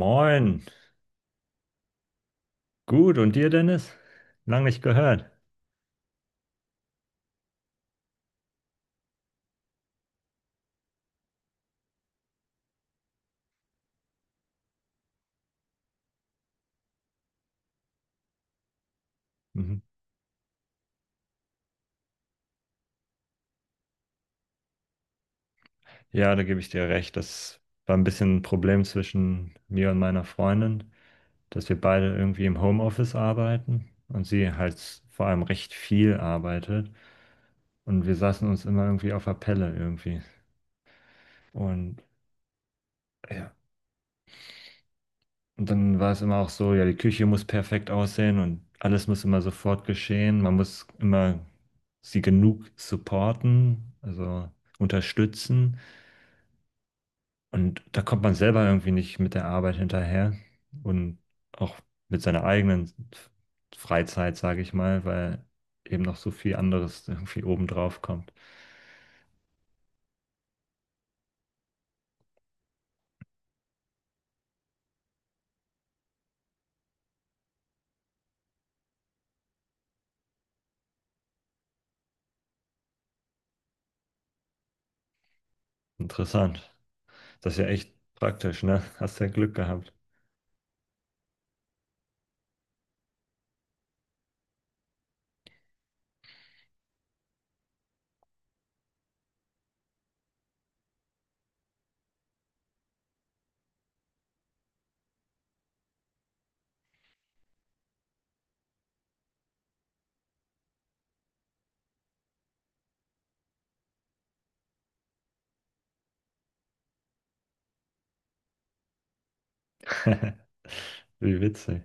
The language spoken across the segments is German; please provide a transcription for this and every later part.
Moin. Gut, und dir, Dennis? Lang nicht gehört. Mhm. Ja, da gebe ich dir recht. Das war ein bisschen ein Problem zwischen mir und meiner Freundin, dass wir beide irgendwie im Homeoffice arbeiten und sie halt vor allem recht viel arbeitet. Und wir saßen uns immer irgendwie auf der Pelle irgendwie. Und ja, und dann war es immer auch so, ja, die Küche muss perfekt aussehen und alles muss immer sofort geschehen. Man muss immer sie genug supporten, also unterstützen. Und da kommt man selber irgendwie nicht mit der Arbeit hinterher und auch mit seiner eigenen Freizeit, sage ich mal, weil eben noch so viel anderes irgendwie obendrauf kommt. Interessant. Das ist ja echt praktisch, ne? Hast ja Glück gehabt. Wie witzig.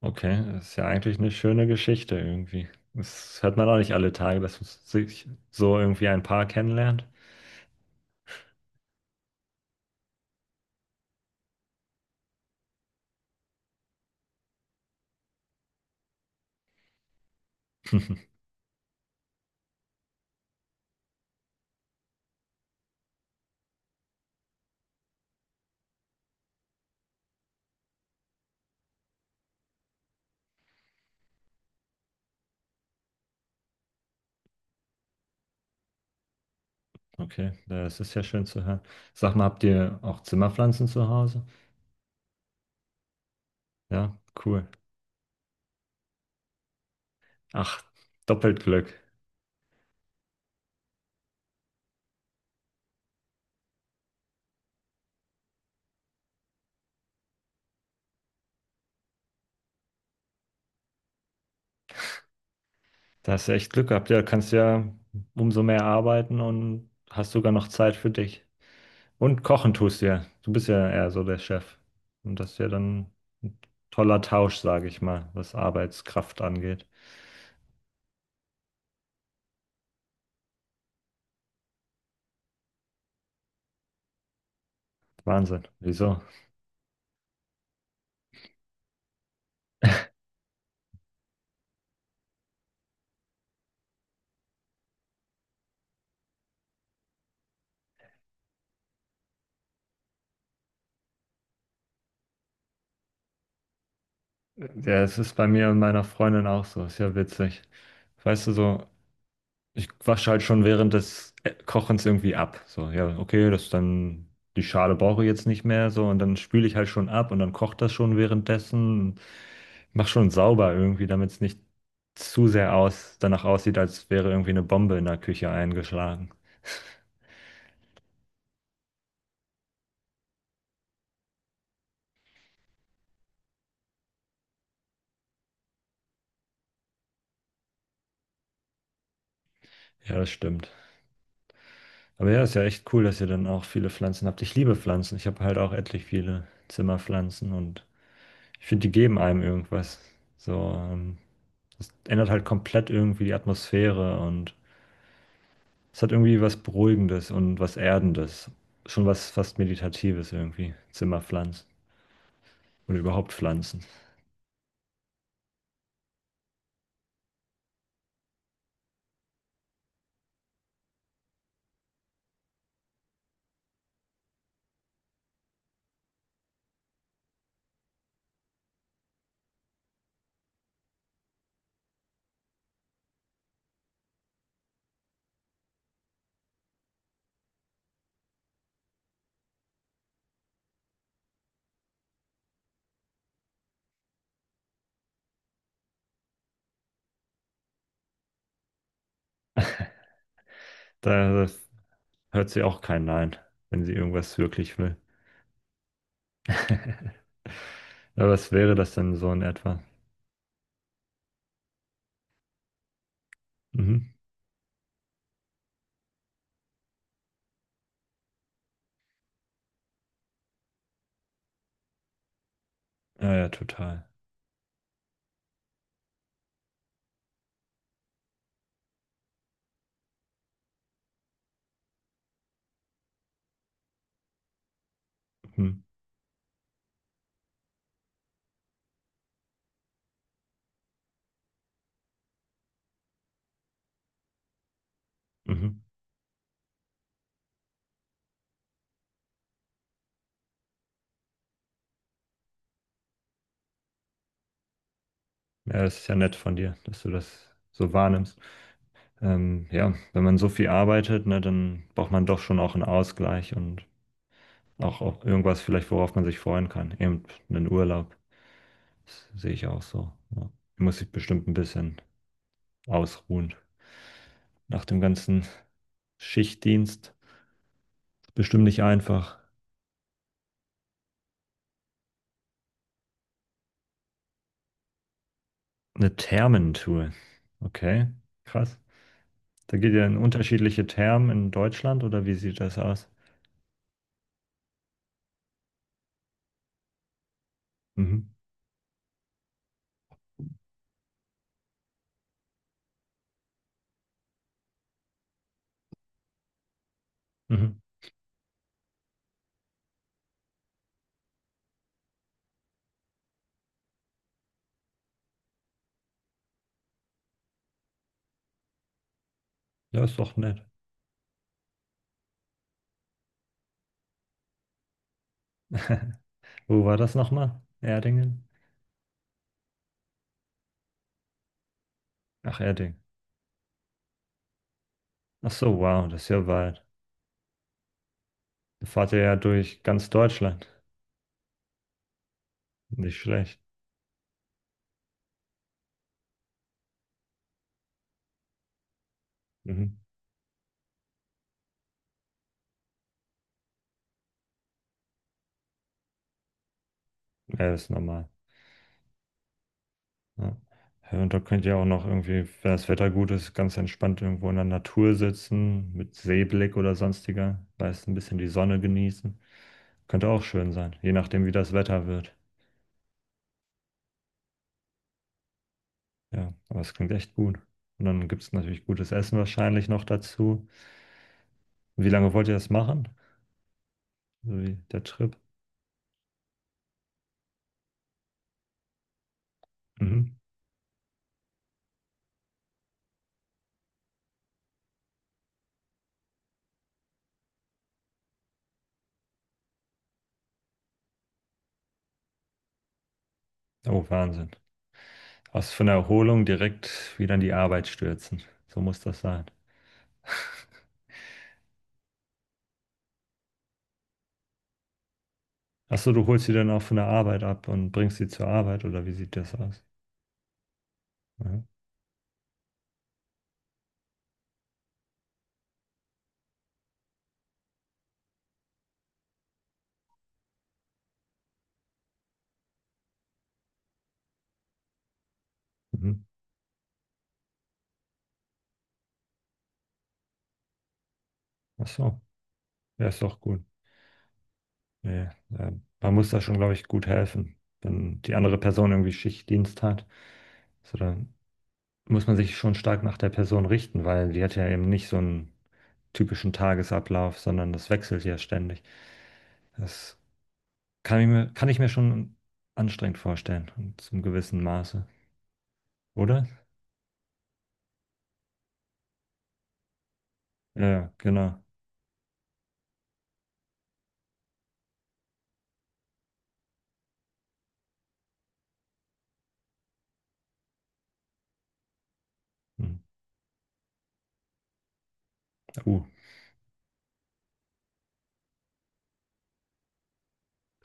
Okay, das ist ja eigentlich eine schöne Geschichte irgendwie. Das hört man auch nicht alle Tage, dass man sich so irgendwie ein Paar kennenlernt. Okay, das ist ja schön zu hören. Sag mal, habt ihr auch Zimmerpflanzen zu Hause? Ja, cool. Ach, doppelt Glück. Da hast du echt Glück gehabt. Ja, kannst ja umso mehr arbeiten und hast sogar noch Zeit für dich. Und kochen tust du ja. Du bist ja eher so der Chef. Und das ist ja dann ein toller Tausch, sage ich mal, was Arbeitskraft angeht. Wahnsinn. Wieso? Ja, es ist bei mir und meiner Freundin auch so. Ist ja witzig. Weißt du, so ich wasche halt schon während des Kochens irgendwie ab. So, ja, okay, das ist dann, die Schale brauche ich jetzt nicht mehr, so, und dann spüle ich halt schon ab und dann kocht das schon währenddessen. Mach schon sauber irgendwie, damit es nicht zu sehr aus, danach aussieht, als wäre irgendwie eine Bombe in der Küche eingeschlagen. Ja, das stimmt. Aber ja, ist ja echt cool, dass ihr dann auch viele Pflanzen habt. Ich liebe Pflanzen. Ich habe halt auch etlich viele Zimmerpflanzen und ich finde, die geben einem irgendwas. So, das ändert halt komplett irgendwie die Atmosphäre und es hat irgendwie was Beruhigendes und was Erdendes. Schon was fast Meditatives irgendwie. Zimmerpflanzen oder überhaupt Pflanzen. Da hört sie auch kein Nein, wenn sie irgendwas wirklich will. Aber was wäre das denn so in etwa? Mhm. Ja, ja, total. Mhm. Mhm. Ja, das ist ja nett von dir, dass du das so wahrnimmst. Ja, wenn man so viel arbeitet, ne, dann braucht man doch schon auch einen Ausgleich und auch, auch irgendwas vielleicht, worauf man sich freuen kann. Eben einen Urlaub. Das sehe ich auch so. Ja. Muss sich bestimmt ein bisschen ausruhen. Nach dem ganzen Schichtdienst. Bestimmt nicht einfach. Eine Thermentour. Okay, krass. Da geht ihr in unterschiedliche Thermen in Deutschland oder wie sieht das aus? Mhm. Mhm. Ja, ist doch nett. Wo war das nochmal? Erdingen? Ach, Erding. Ach so, wow, das ist ja weit. Da fahrt ihr ja durch ganz Deutschland. Nicht schlecht. Mhm. Ja, das ist normal. Ja. Ja, und da könnt ihr auch noch irgendwie, wenn das Wetter gut ist, ganz entspannt irgendwo in der Natur sitzen, mit Seeblick oder sonstiger, weißt, ein bisschen die Sonne genießen. Könnte auch schön sein, je nachdem, wie das Wetter wird. Ja, aber es klingt echt gut. Und dann gibt es natürlich gutes Essen wahrscheinlich noch dazu. Wie lange wollt ihr das machen? So wie der Trip? Mhm. Oh, Wahnsinn. Aus von der Erholung direkt wieder in die Arbeit stürzen. So muss das sein. Ach so, du holst sie dann auch von der Arbeit ab und bringst sie zur Arbeit oder wie sieht das aus? Ja. Mhm. Ach so, ja, ist doch gut. Nee, ja. Man muss da schon, glaube ich, gut helfen, wenn die andere Person irgendwie Schichtdienst hat. So, dann muss man sich schon stark nach der Person richten, weil die hat ja eben nicht so einen typischen Tagesablauf, sondern das wechselt ja ständig. Das kann ich mir schon anstrengend vorstellen, und zum gewissen Maße, oder? Ja, genau. Hm. Uh,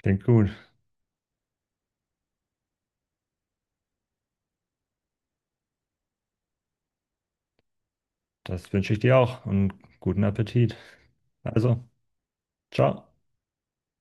klingt gut. Das wünsche ich dir auch und guten Appetit. Also, ciao.